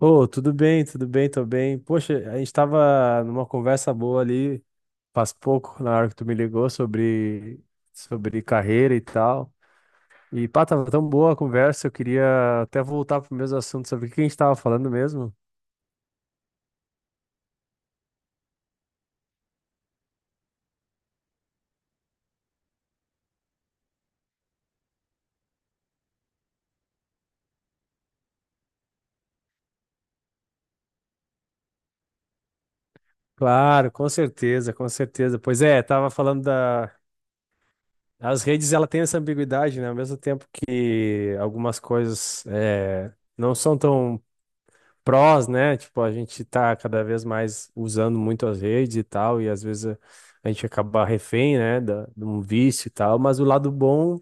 Ô, tudo bem, tô bem. Poxa, a gente tava numa conversa boa ali faz pouco, na hora que tu me ligou, sobre carreira e tal. E pá, tava tão boa a conversa, eu queria até voltar pro mesmo assunto sobre o que a gente tava falando mesmo. Claro, com certeza, com certeza. Pois é, tava falando da. As redes, ela tem essa ambiguidade, né? Ao mesmo tempo que algumas coisas não são tão prós, né? Tipo, a gente tá cada vez mais usando muito as redes e tal, e às vezes a gente acaba refém, né, da, de um vício e tal, mas o lado bom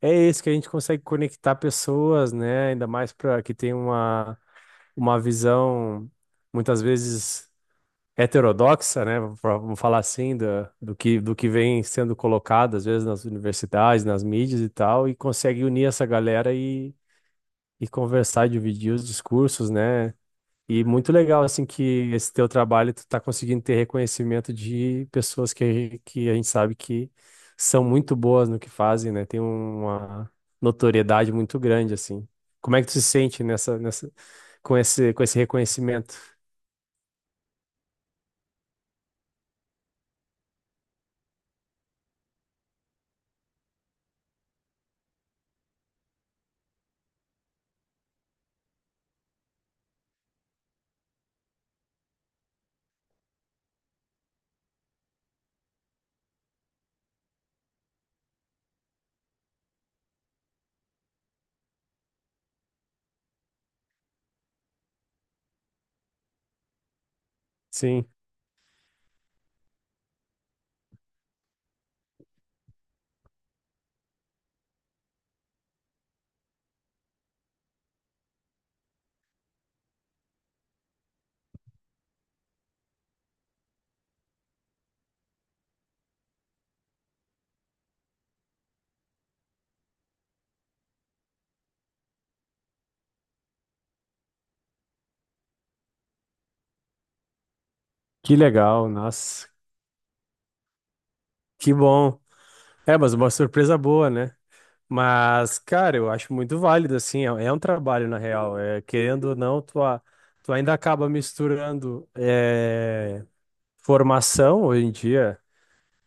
é esse, que a gente consegue conectar pessoas, né? Ainda mais para que tem uma visão muitas vezes heterodoxa, né? Vamos falar assim, do, do que vem sendo colocado às vezes nas universidades, nas mídias e tal, e consegue unir essa galera e conversar, dividir os discursos, né? E muito legal, assim, que esse teu trabalho tu tá conseguindo ter reconhecimento de pessoas que a gente sabe que são muito boas no que fazem, né? Tem uma notoriedade muito grande, assim. Como é que tu se sente com com esse reconhecimento? Sim, que legal, nossa, que bom. É, mas uma surpresa boa, né? Mas, cara, eu acho muito válido, assim, é um trabalho, na real. É, querendo ou não, tu ainda acaba misturando formação hoje em dia.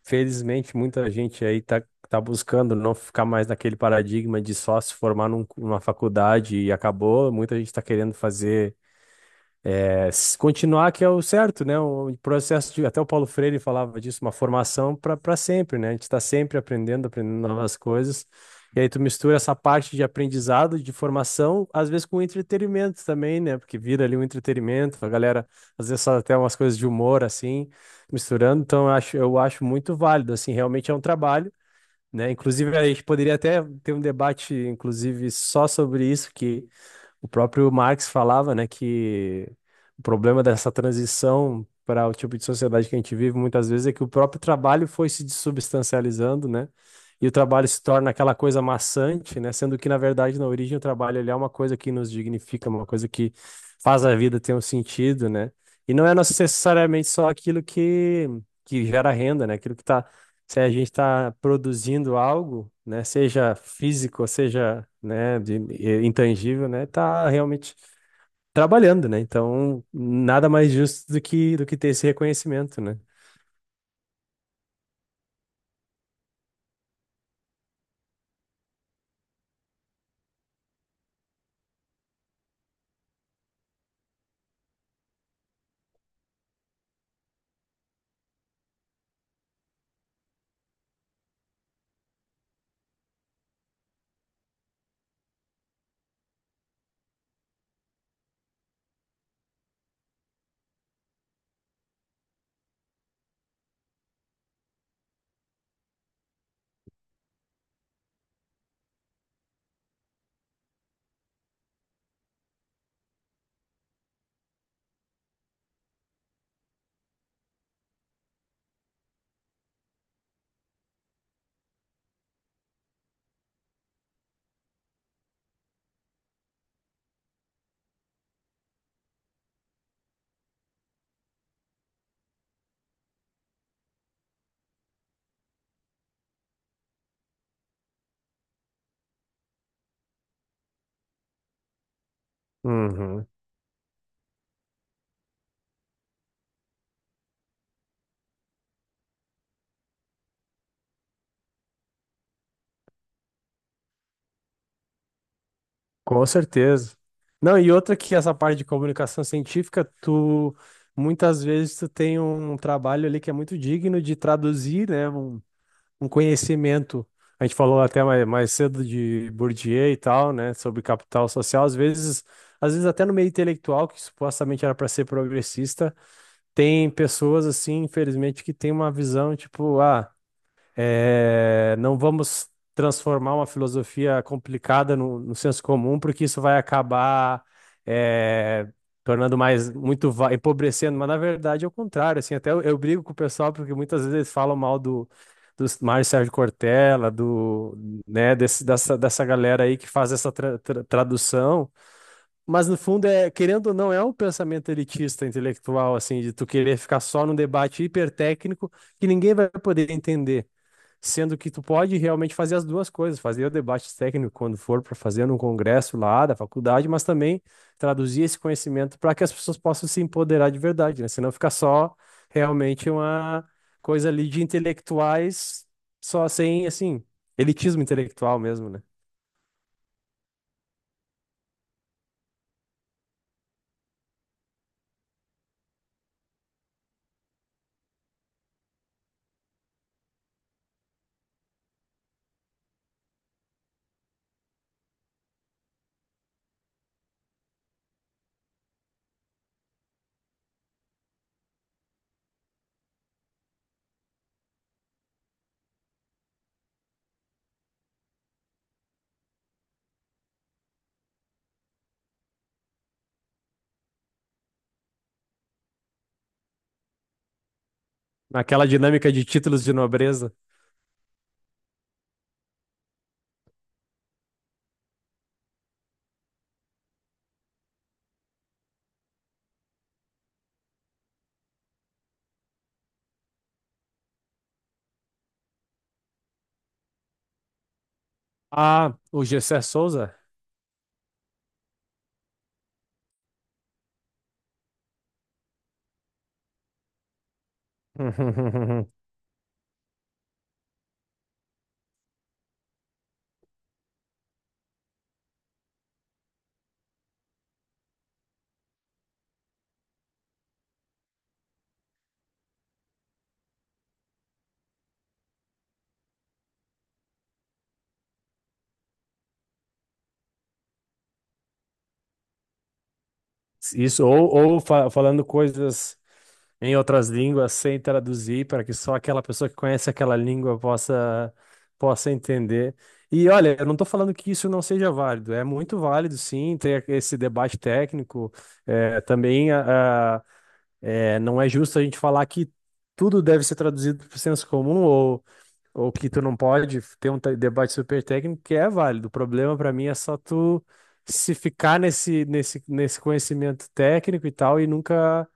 Felizmente, muita gente aí tá buscando não ficar mais naquele paradigma de só se formar numa faculdade e acabou. Muita gente tá querendo fazer continuar que é o certo, né? O processo de, até o Paulo Freire falava disso, uma formação para sempre, né? A gente está sempre aprendendo, aprendendo novas coisas. E aí tu mistura essa parte de aprendizado, de formação, às vezes com entretenimento também, né? Porque vira ali um entretenimento, a galera às vezes faz até umas coisas de humor assim, misturando. Então eu acho muito válido, assim, realmente é um trabalho, né? Inclusive a gente poderia até ter um debate, inclusive, só sobre isso, que o próprio Marx falava, né, que o problema dessa transição para o tipo de sociedade que a gente vive muitas vezes é que o próprio trabalho foi se dessubstancializando, né? E o trabalho se torna aquela coisa maçante, né? Sendo que, na verdade, na origem, o trabalho ele é uma coisa que nos dignifica, uma coisa que faz a vida ter um sentido, né? E não é necessariamente só aquilo que gera renda, né? Aquilo que está se a gente está produzindo algo, né, seja físico, seja, né, intangível, né, tá realmente trabalhando, né? Então, nada mais justo do que ter esse reconhecimento, né? Uhum. Com certeza. Não, e outra que essa parte de comunicação científica, tu muitas vezes tu tem um trabalho ali que é muito digno de traduzir, né, um conhecimento. A gente falou até mais cedo de Bourdieu e tal, né, sobre capital social. Às vezes até no meio intelectual, que supostamente era para ser progressista, tem pessoas assim, infelizmente, que tem uma visão tipo, ah, é, não vamos transformar uma filosofia complicada no senso comum, porque isso vai acabar é, tornando mais empobrecendo, mas na verdade é o contrário. Assim, eu brigo com o pessoal porque muitas vezes eles falam mal do, do Mário Sérgio Cortella, do, né, dessa galera aí que faz essa tradução. Mas no fundo é, querendo ou não, é um pensamento elitista intelectual, assim, de tu querer ficar só num debate hipertécnico que ninguém vai poder entender. Sendo que tu pode realmente fazer as duas coisas, fazer o debate técnico quando for para fazer num congresso lá da faculdade, mas também traduzir esse conhecimento para que as pessoas possam se empoderar de verdade, né? Senão fica só realmente uma coisa ali de intelectuais, só sem, assim, elitismo intelectual mesmo, né? Naquela dinâmica de títulos de nobreza. Ah, o Gessé Souza? Isso, ou falando coisas em outras línguas sem traduzir, para que só aquela pessoa que conhece aquela língua possa entender. E olha, eu não estou falando que isso não seja válido, é muito válido sim ter esse debate técnico. É, também não é justo a gente falar que tudo deve ser traduzido para o senso comum ou que tu não pode ter um debate super técnico que é válido. O problema para mim é só tu se ficar nesse conhecimento técnico e tal e nunca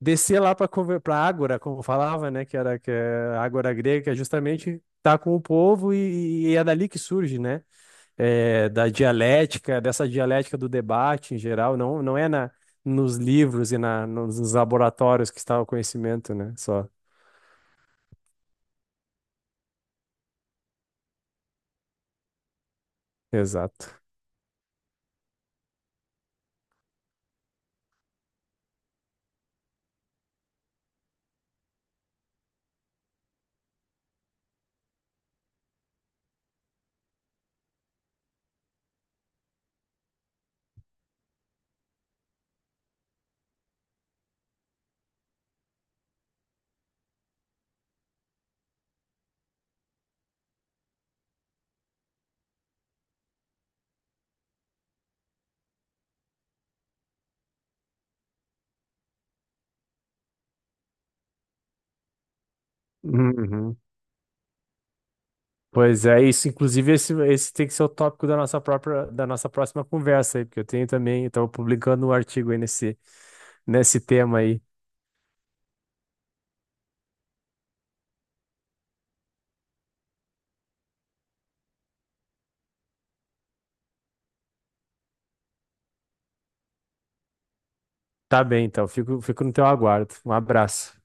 descer lá para ágora, como falava, né, que é ágora grega, que é justamente estar com o povo e é dali que surge, né? É, da dialética, dessa dialética do debate em geral, não é na nos livros e nos laboratórios que está o conhecimento, né? Só. Exato. Uhum. Pois é, isso. Inclusive, esse tem que ser o tópico da nossa própria, da nossa próxima conversa aí, porque eu tenho também, eu estava publicando um artigo aí nesse tema aí. Tá bem, então. Fico no teu aguardo. Um abraço.